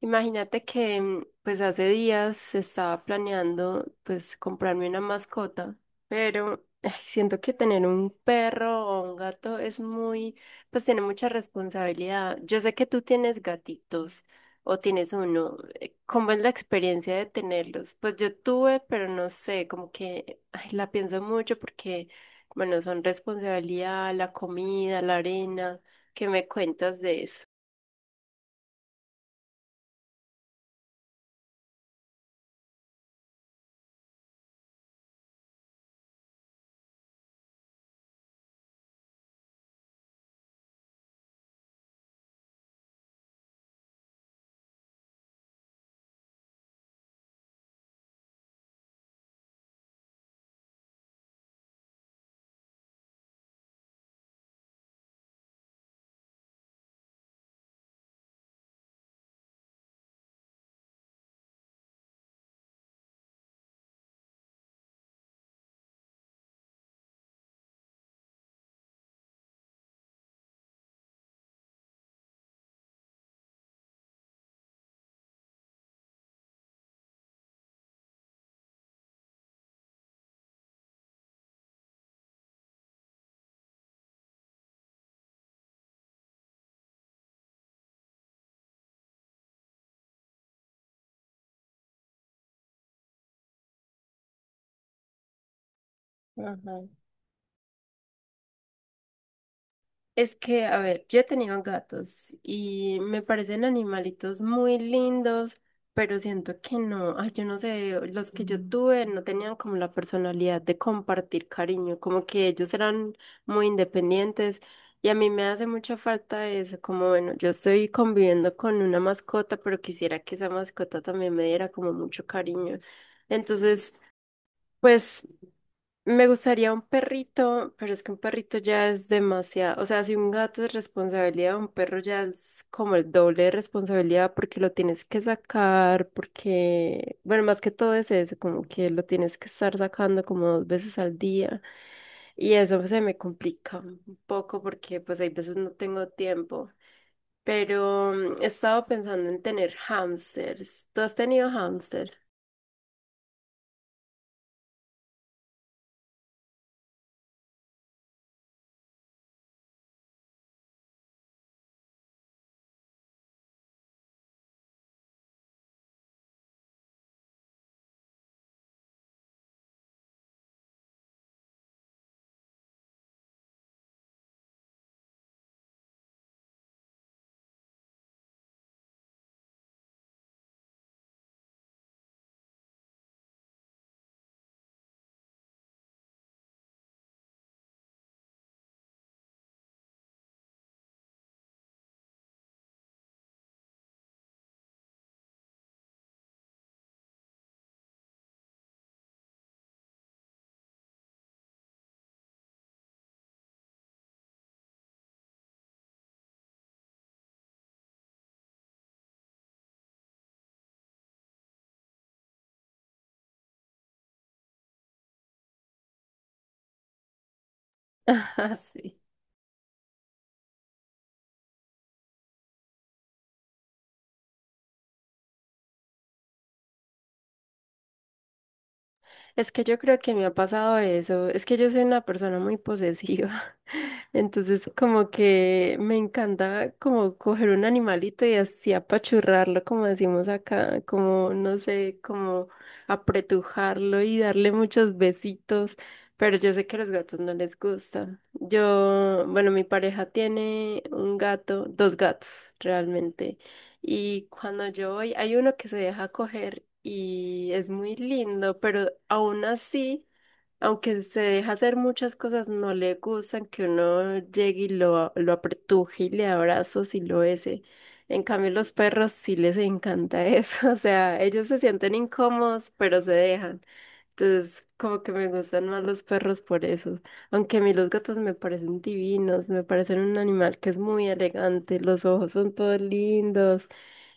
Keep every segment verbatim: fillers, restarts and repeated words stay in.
Imagínate que mm, pues hace días estaba planeando pues comprarme una mascota, pero ay, siento que tener un perro o un gato es muy, pues tiene mucha responsabilidad. Yo sé que tú tienes gatitos o tienes uno. eh, ¿Cómo es la experiencia de tenerlos? Pues yo tuve, pero no sé, como que ay, la pienso mucho porque, bueno, son responsabilidad, la comida, la arena. ¿Qué me cuentas de eso? Ajá. Es que, a ver, yo he tenido gatos y me parecen animalitos muy lindos, pero siento que no, ay, yo no sé, los que yo tuve no tenían como la personalidad de compartir cariño, como que ellos eran muy independientes y a mí me hace mucha falta eso, como bueno, yo estoy conviviendo con una mascota, pero quisiera que esa mascota también me diera como mucho cariño. Entonces... Pues me gustaría un perrito, pero es que un perrito ya es demasiado. O sea, si un gato es responsabilidad, un perro ya es como el doble de responsabilidad porque lo tienes que sacar, porque, bueno, más que todo es eso, como que lo tienes que estar sacando como dos veces al día. Y eso se me complica un poco porque pues hay veces no tengo tiempo. Pero mm, he estado pensando en tener hámsters. ¿Tú has tenido hámster? Ah, sí. Es que yo creo que me ha pasado eso. Es que yo soy una persona muy posesiva. Entonces, como que me encanta como coger un animalito y así apachurrarlo, como decimos acá, como, no sé, como apretujarlo y darle muchos besitos. Pero yo sé que a los gatos no les gusta. Yo, bueno, mi pareja tiene un gato, dos gatos realmente. Y cuando yo voy, hay uno que se deja coger y es muy lindo, pero aún así, aunque se deja hacer muchas cosas, no le gustan que uno llegue y lo, lo apretuje y le abrazos y lo bese. En cambio, los perros sí les encanta eso, o sea, ellos se sienten incómodos, pero se dejan. Entonces, como que me gustan más los perros por eso. Aunque a mí los gatos me parecen divinos, me parecen un animal que es muy elegante, los ojos son todos lindos.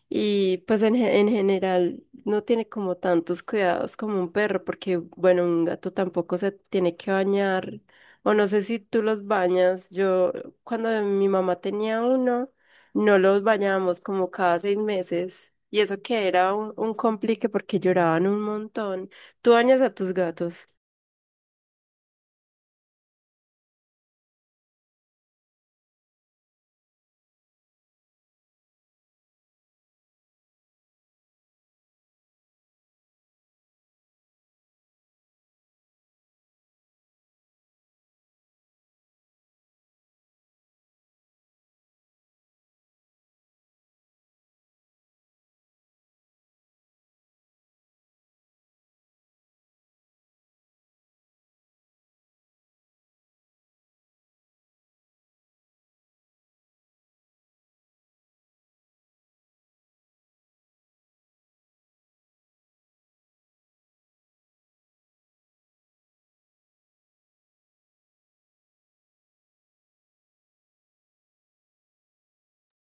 Y pues en, ge- en general no tiene como tantos cuidados como un perro, porque bueno, un gato tampoco se tiene que bañar, o no sé si tú los bañas. Yo cuando mi mamá tenía uno, no los bañábamos como cada seis meses, y eso que era un, un complique porque lloraban un montón. ¿Tú bañas a tus gatos?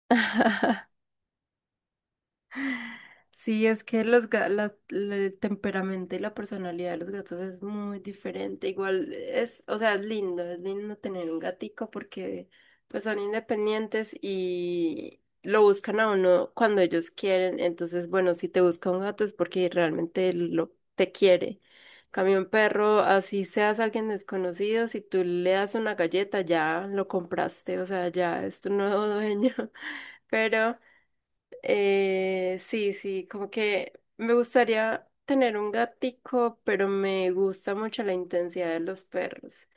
Sí, es que los, ga- la- la- el temperamento y la personalidad de los gatos es muy diferente. Igual es, o sea, es lindo, es lindo tener un gatico porque pues son independientes y lo buscan a uno cuando ellos quieren. Entonces, bueno, si te busca un gato es porque realmente lo te quiere. Cambio un perro, así seas alguien desconocido, si tú le das una galleta ya lo compraste, o sea, ya es tu nuevo dueño. Pero eh, sí, sí, como que me gustaría tener un gatico, pero me gusta mucho la intensidad de los perros.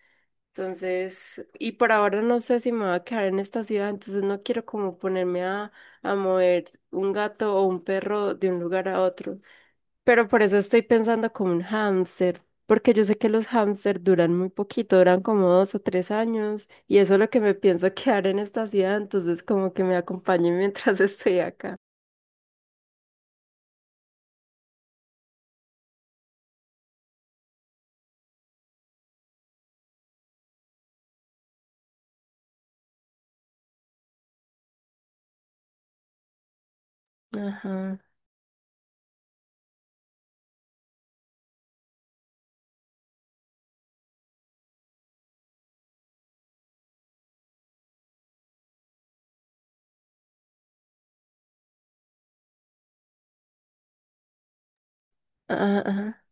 Entonces, y por ahora no sé si me voy a quedar en esta ciudad, entonces no quiero como ponerme a, a mover un gato o un perro de un lugar a otro. Pero por eso estoy pensando como un hámster, porque yo sé que los hámsters duran muy poquito, duran como dos o tres años, y eso es lo que me pienso quedar en esta ciudad, entonces como que me acompañe mientras estoy acá. Ajá, ajá, ajá.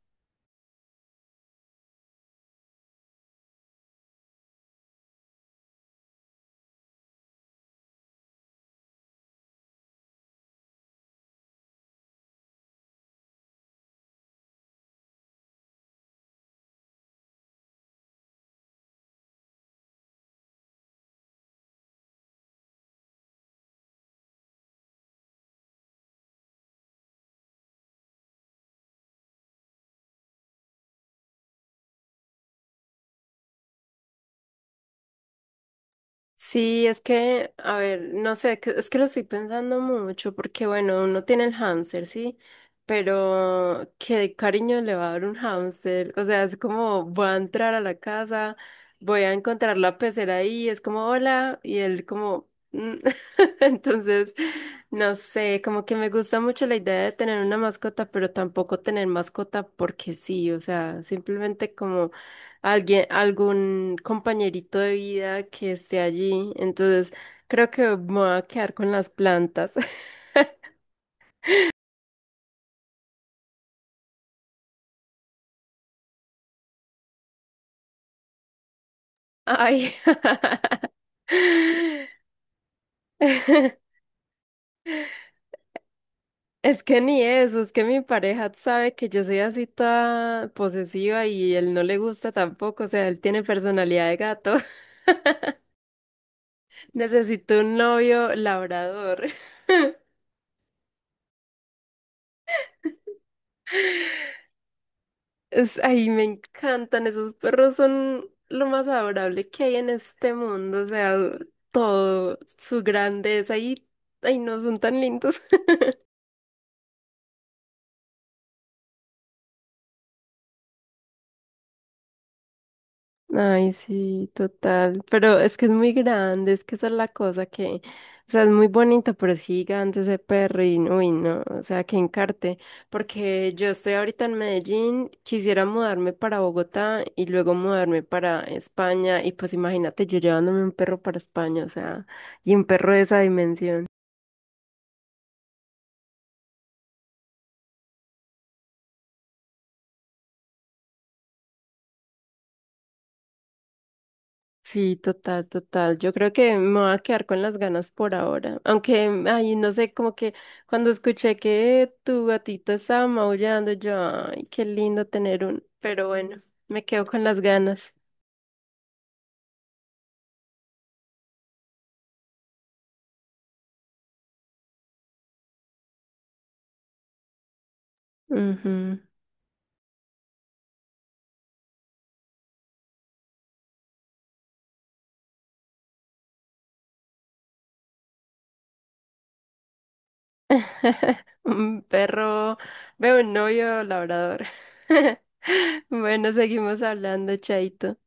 Sí, es que, a ver, no sé, que- es que lo estoy pensando mucho porque, bueno, uno tiene el hámster, ¿sí? Pero, ¿qué cariño le va a dar un hámster? O sea, es como, voy a entrar a la casa, voy a encontrar la pecera ahí, es como, hola, y él como, "Mm". Entonces, no sé, como que me gusta mucho la idea de tener una mascota, pero tampoco tener mascota porque sí, o sea, simplemente alguien, algún compañerito de vida que esté allí. Entonces, creo que me voy a quedar con las plantas. Ay, es que ni eso, es que mi pareja sabe que yo soy así toda posesiva y él no le gusta tampoco, o sea, él tiene personalidad de gato. Necesito un novio labrador. Es, ay, me encantan, esos perros son lo más adorable que hay en este mundo, o sea, todo, su grandeza y, ay, no, son tan lindos. Ay, sí, total. Pero es que es muy grande, es que esa es la cosa que, o sea, es muy bonito, pero es gigante ese perro y, uy, no, o sea, que encarte. Porque yo estoy ahorita en Medellín, quisiera mudarme para Bogotá y luego mudarme para España. Y pues imagínate yo llevándome un perro para España, o sea, y un perro de esa dimensión. Sí, total, total. Yo creo que me voy a quedar con las ganas por ahora. Aunque, mm, ay, no sé, como que cuando escuché que tu gatito estaba maullando, yo, ay, qué lindo tener un. Pero bueno, me quedo con las ganas. Ujú. Un perro, veo un novio labrador. Bueno, seguimos hablando, Chaito.